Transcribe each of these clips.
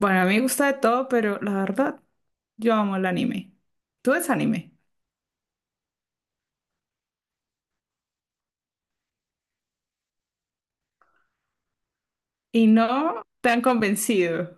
Bueno, a mí me gusta de todo, pero la verdad, yo amo el anime. ¿Tú ves anime? Y no te han convencido.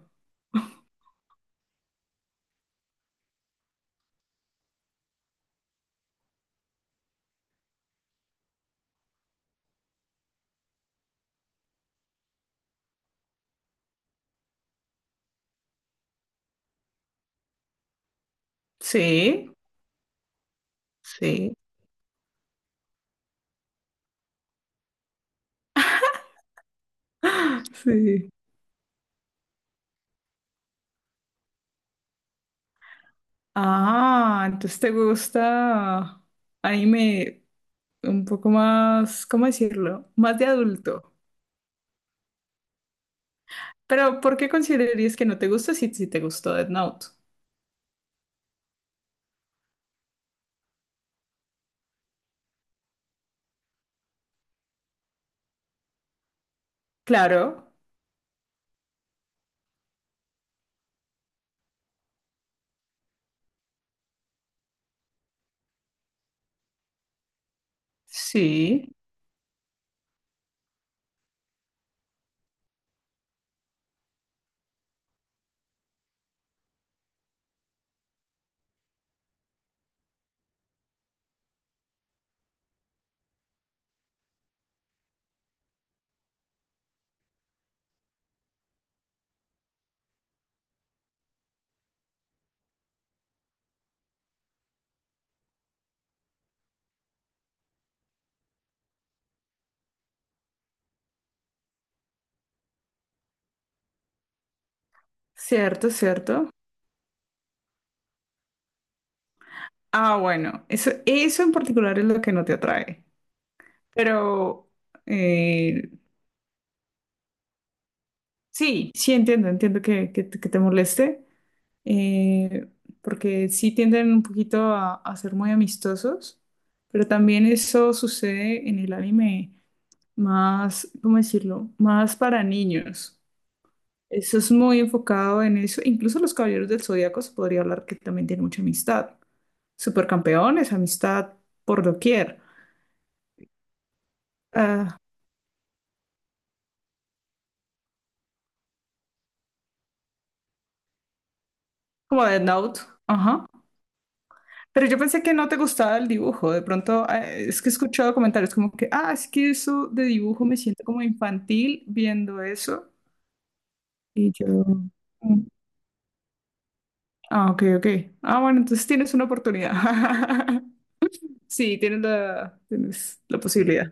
Sí, sí, sí. Ah, entonces te gusta anime un poco más, ¿cómo decirlo? Más de adulto. Pero ¿por qué considerarías que no te gusta si te gustó Death Note? Claro, sí, cierto, cierto. Ah, bueno, eso en particular es lo que no te atrae. Pero eh, sí, sí entiendo, entiendo que te moleste, eh, porque sí tienden un poquito a ser muy amistosos, pero también eso sucede en el anime más, ¿cómo decirlo? Más para niños. Eso es muy enfocado en eso. Incluso los Caballeros del Zodíaco se podría hablar que también tienen mucha amistad. Supercampeones, amistad por doquier. Ah, como Death Note. Ajá. Pero yo pensé que no te gustaba el dibujo. De pronto, es que he escuchado comentarios como que, ah, es que eso de dibujo me siento como infantil viendo eso. Y yo, "Mm, ah, ok, ok. Ah, bueno, entonces tienes una oportunidad. Sí, tienes tienes la posibilidad.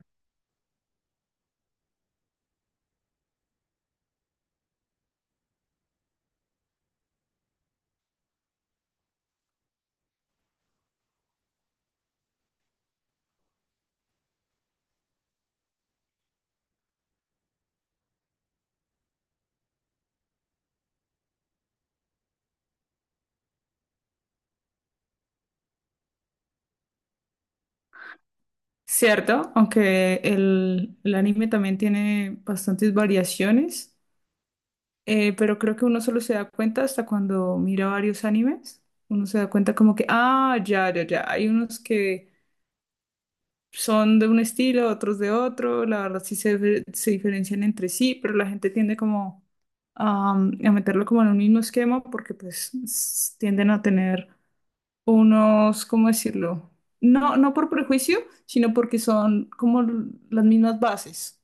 Cierto, aunque el anime también tiene bastantes variaciones, pero creo que uno solo se da cuenta hasta cuando mira varios animes. Uno se da cuenta como que, ah, ya, ya, ya. Hay unos que son de un estilo, otros de otro, la verdad sí se, se diferencian entre sí, pero la gente tiende como a meterlo como en un mismo esquema porque pues tienden a tener unos, ¿cómo decirlo? No, no por prejuicio, sino porque son como las mismas bases.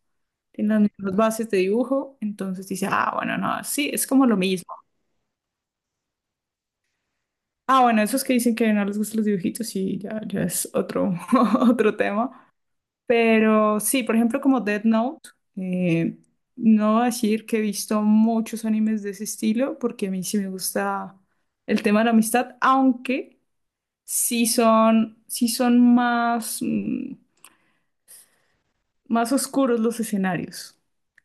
Tienen las mismas bases de dibujo, entonces dice, ah, bueno, no, sí, es como lo mismo. Ah, bueno, esos que dicen que no les gustan los dibujitos, sí, ya, ya es otro, otro tema. Pero sí, por ejemplo, como Death Note, eh, no voy a decir que he visto muchos animes de ese estilo, porque a mí sí me gusta el tema de la amistad, aunque sí son más, más oscuros los escenarios,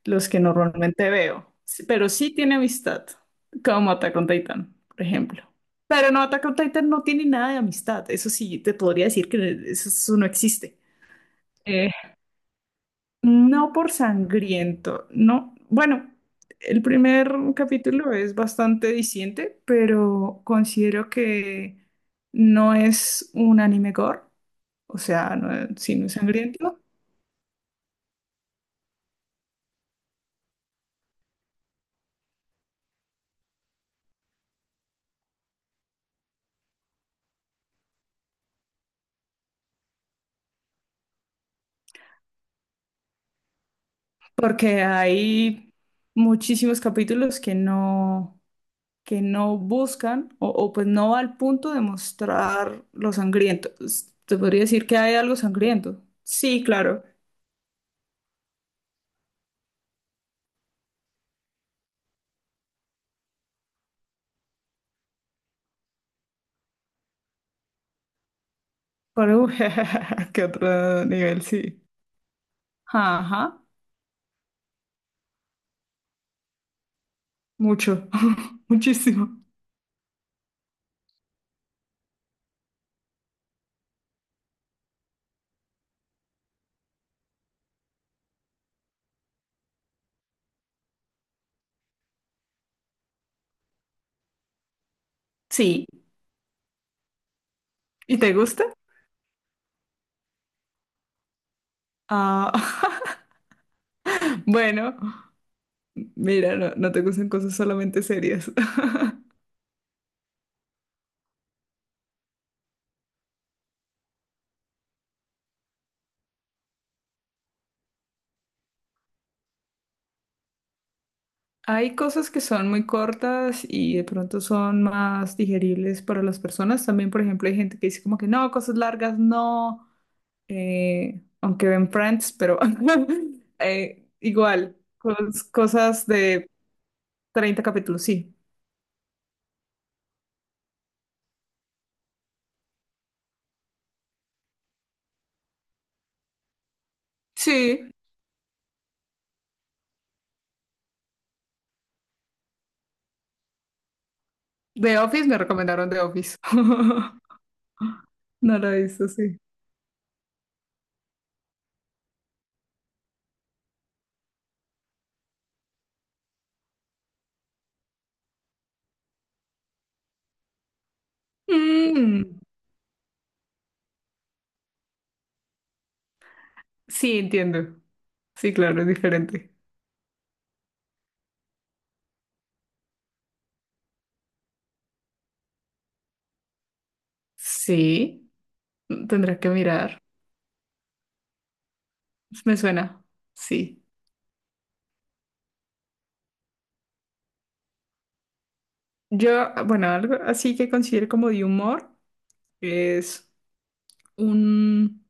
los que normalmente veo. Sí, pero sí tiene amistad, como Attack on Titan, por ejemplo. Pero no, Attack on Titan no tiene nada de amistad. Eso sí, te podría decir que eso no existe. Eh, No por sangriento, no. Bueno, el primer capítulo es bastante diciente, pero considero que no es un anime gore, o sea, no, sí, no es sangriento, porque hay muchísimos capítulos que no buscan o pues no va al punto de mostrar lo sangriento. Te podría decir que hay algo sangriento. Sí, claro. Pero, qué otro nivel, sí. Ajá. Mucho, muchísimo. Sí. ¿Y te gusta? Ah, bueno, mira, no, no te gustan cosas solamente serias. Hay cosas que son muy cortas y de pronto son más digeribles para las personas. También, por ejemplo, hay gente que dice como que no, cosas largas no, aunque ven Friends, pero igual, cosas de 30 capítulos, sí. Sí, The Office me recomendaron The Office. No lo hizo, sí. Mm, sí, entiendo. Sí, claro, es diferente. Sí, tendrá que mirar. Me suena. Sí. Yo, bueno, algo así que considero como de humor es un,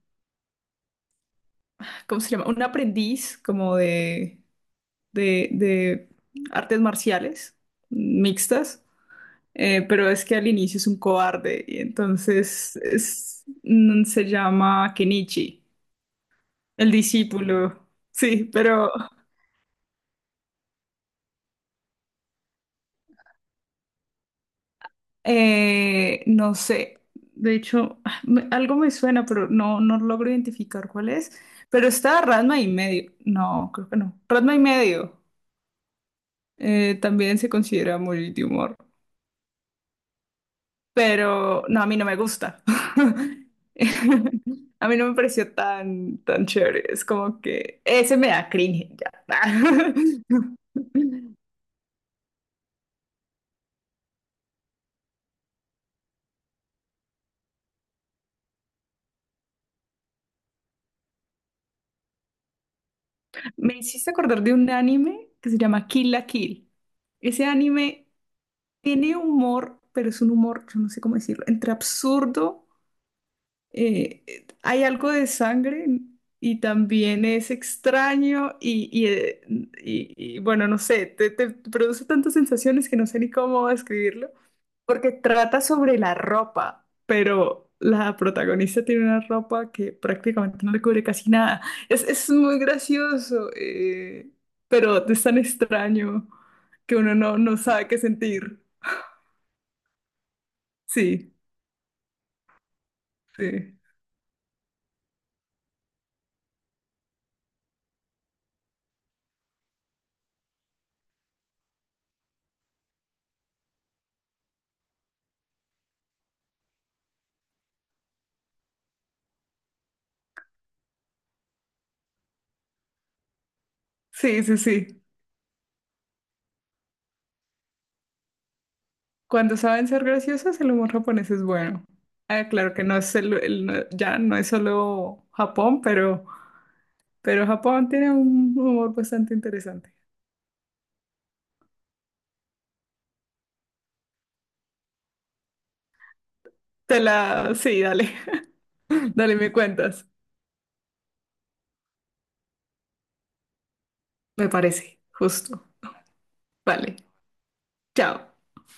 ¿cómo se llama? Un aprendiz como de artes marciales mixtas, pero es que al inicio es un cobarde y entonces se llama Kenichi. El discípulo, sí, pero no sé. De hecho, ah, algo me suena, pero no, no logro identificar cuál es. Pero está Ranma y medio. No, creo que no. Ranma y medio también se considera muy de humor. Pero no, a mí no me gusta. A mí no me pareció tan, tan chévere. Es como que ese me da cringe ya. Me hiciste acordar de un anime que se llama Kill la Kill. Ese anime tiene humor, pero es un humor, yo no sé cómo decirlo, entre absurdo hay algo de sangre y también es extraño y, bueno, no sé, te produce tantas sensaciones que no sé ni cómo describirlo, porque trata sobre la ropa, pero la protagonista tiene una ropa que prácticamente no le cubre casi nada. Es muy gracioso, pero es tan extraño que uno no, no sabe qué sentir. Sí, sí, sí, sí, sí. Cuando saben ser graciosos, el humor japonés es bueno. Ah, claro que no es el, ya no es solo Japón, pero Japón tiene un humor bastante interesante. Te la, sí, dale, dale, me cuentas. Me parece, justo. Vale, chao.